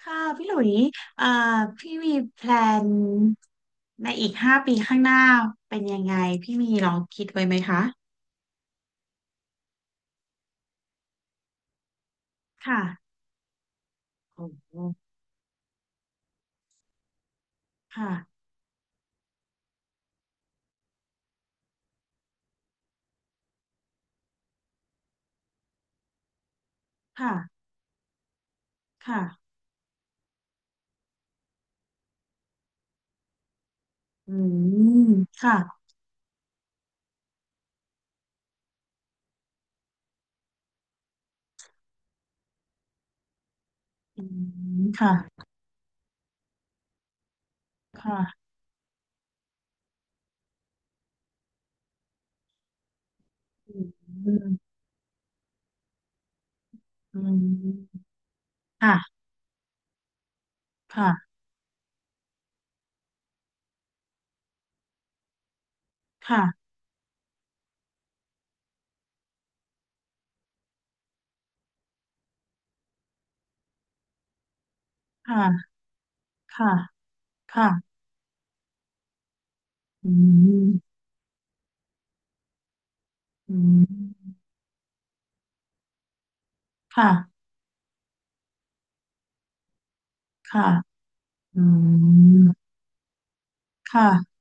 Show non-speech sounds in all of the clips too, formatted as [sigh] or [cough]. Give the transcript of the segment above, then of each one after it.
ค่ะพี่หลุยเอ่อพี่มีแพลนในอีก5 ปีข้างหน้าเป็นยังไงพี่มีลองคิดไว้ไหมคะค่ะโอ้โหค่ะค่ะค่ะอืมค่ะอืมค่ะค่ะอืมอืมค่ะค่ะค่ะค่ะค่ะค่ะอืมอืมค่ะค่ะอืมค่ะ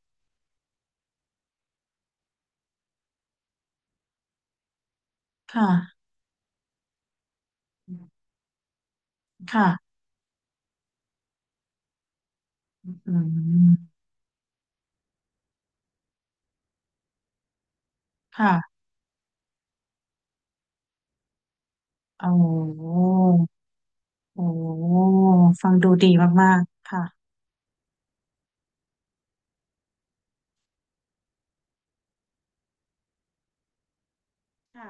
ค่ะค่ะอืมค่ะ อ๋อโอ้ฟังดูดีมากๆ ค่ะค่ะ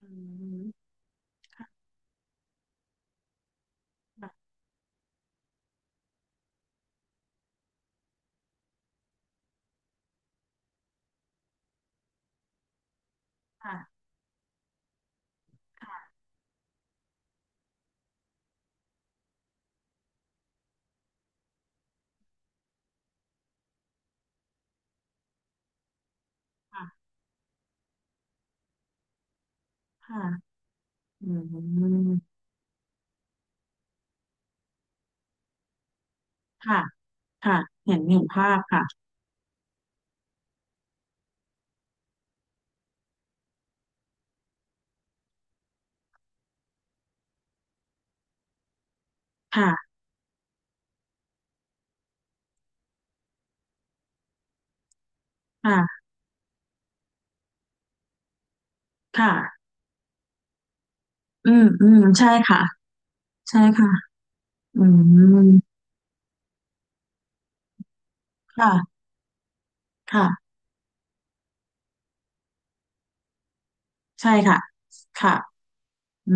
อืมค่ะค่ะค่ะค่ะค่ะอืมค่ะค่ะเห็นภาพค่ะค่ะค่ะค่ะอืมอืมใช่ค่ะใช่ค่ะอืมค่ะค่ะใช่ค่ะค่ะอื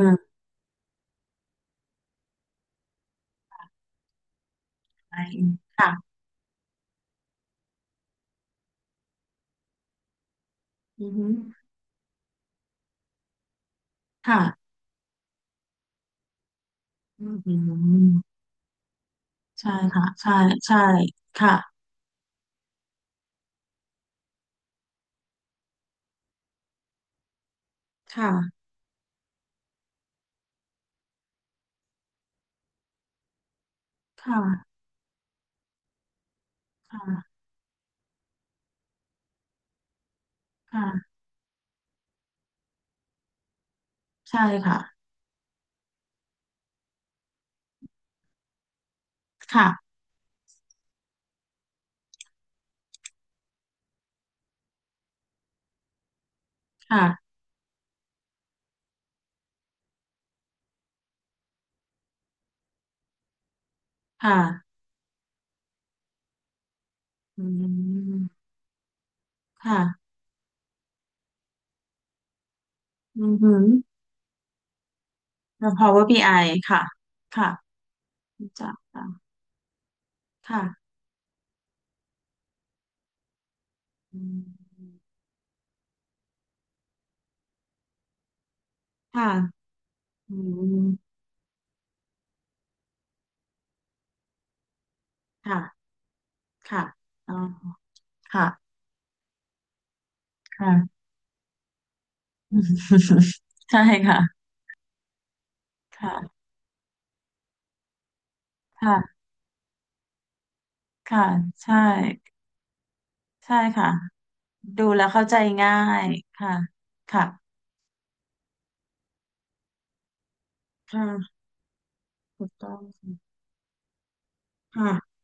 มใช่ค่ะอืมค่ะอืมใช่ค่ะใช่ใช่ค่ะค่ะค่ะค่ะค่ะ ใช่ค่ะค่ะค่ะค่ะอืมค่ะอือหือแล้ว Power i ค่ะค่ะรู้จักค่ะค่ะอืมค่ะอืมค่ะค่ะอ๋อค่ะค่ะ [laughs] ใช่ค่ะค่ะค่ะค่ะใช่ใช่ค่ะดูแล้วเข้าใจง่ายค่ะค่ะค่ะถูกต้องค่ะค่ะ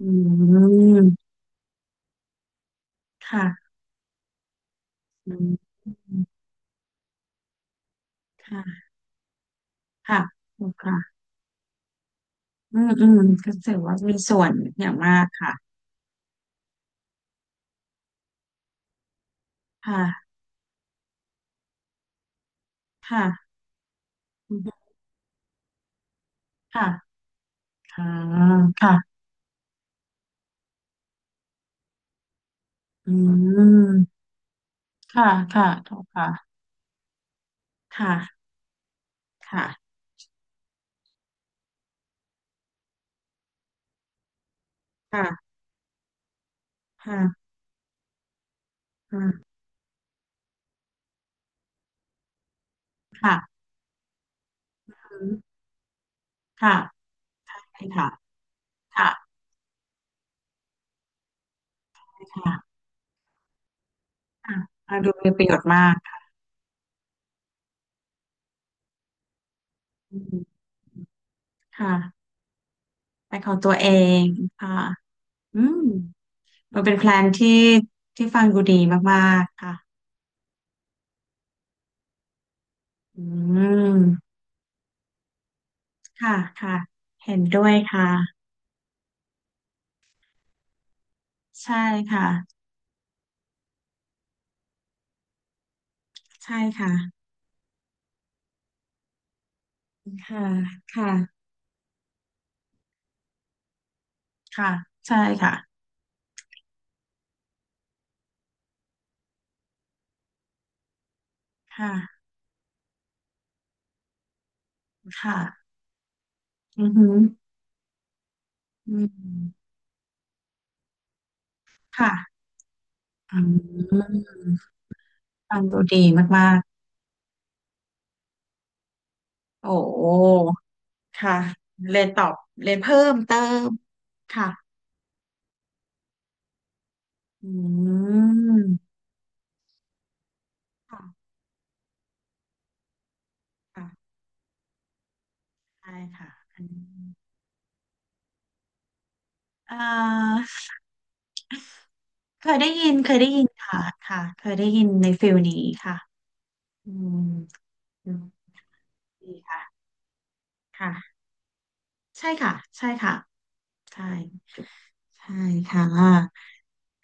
อืมค่ะอืมค่ะ ค่ะถูกค่ะอืมอืมก็ถือว่ามีส่วนอย่างมากค่ะค่ะค่ะอืมค่ะค่ะค่ะอืมค่ะค่ะถูกค่ะค่ะค่ะค่ะค่ะค่ะค่ะอืมค่ะใช่ค่ะค่ะค่ะค่ะอ่าดูมีประโยชน์มากค่ะอืมค่ะไปนของตัวเองค่ะอืมมันเป็นแพลนที่ฟังดูดีมากๆค่ะอืมค่ะค่ะเห็นด้วยค่ะ ใช่ค่ะใช่ค่ะค่ะค่ะค่ะใช่ค่ะค่ะค่ะอือหืออืมค่ะอืมฟังดูดีมากๆโอ้โหค่ะเรียนตอบเรียนเพิ่มเติมค่ะอืมค่ะค่ะใช่ค่ะอันนี้เอ่อเคยได้ยินเคยได้ยินค่ะค่ะเคยได้ยินในฟิลนี้ค่ะอืมอืมดีค่ะค่ะใช่ค่ะใช่ค่ะ ใช่ใช่ค่ะ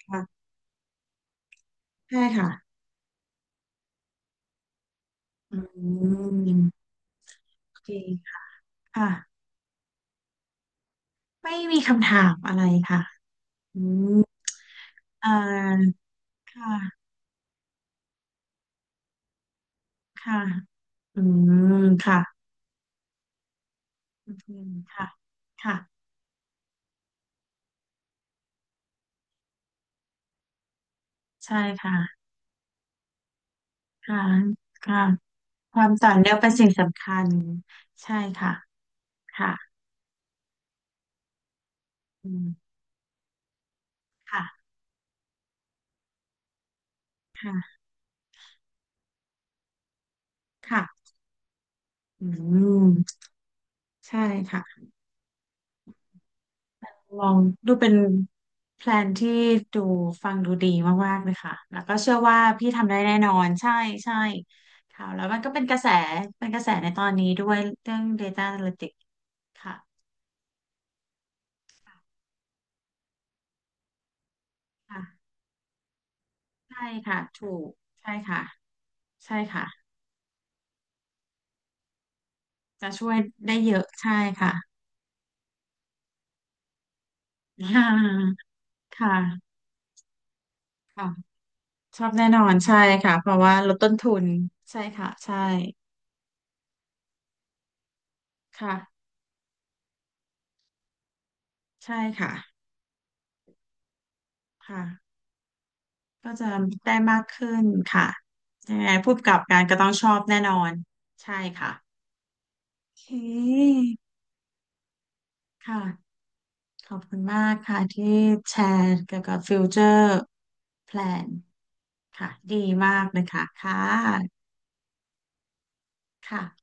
ค่ะใช่ค่ะอืมโอเคค่ะไม่มีคำถามอะไรค่ะอืมอ่าค่ะค่ะอืมค่ะอืมค่ะค่ะใช่ค่ะค่ะค่ะความต่อเนื่องเป็นสิ่งสำคัญใช่ค่ะค่ะอืมค่ะค่ะค่ะอืมใช่ค่ะ ลองดูเป็นแพลนที่ดูฟังดูดีมากๆเลยค่ะ แล้วก็เชื่อว่าพี่ทำได้แน่นอนใช่ใช่ค่ะแล้วมันก็เป็นกระแสเป็นกระแสในตอนนี้ด้วยเรื่อง Data Analytics ค่ะค่ะใช่ค่ะถูกใช่ค่ะใช่ค่ะจะช่วยได้เยอะใช่ค่ะ [laughs] ค่ะค่ะค่ะชอบแน่นอนใช่ค่ะเพราะว่าลดต้นทุนใช่ค่ะใช่ค่ะใช่ค่ะค่ะ ก็จะได้มากขึ้นค่ะยังไงผู้กรกับการก็ต้องชอบแน่นอน ใช่ค่ะโอเคค่ะขอบคุณมากค่ะที่แชร์เกี่ยวกับฟิวเจอร์แพลนค่ะดีมากเลยค่ะค่ะค่ะ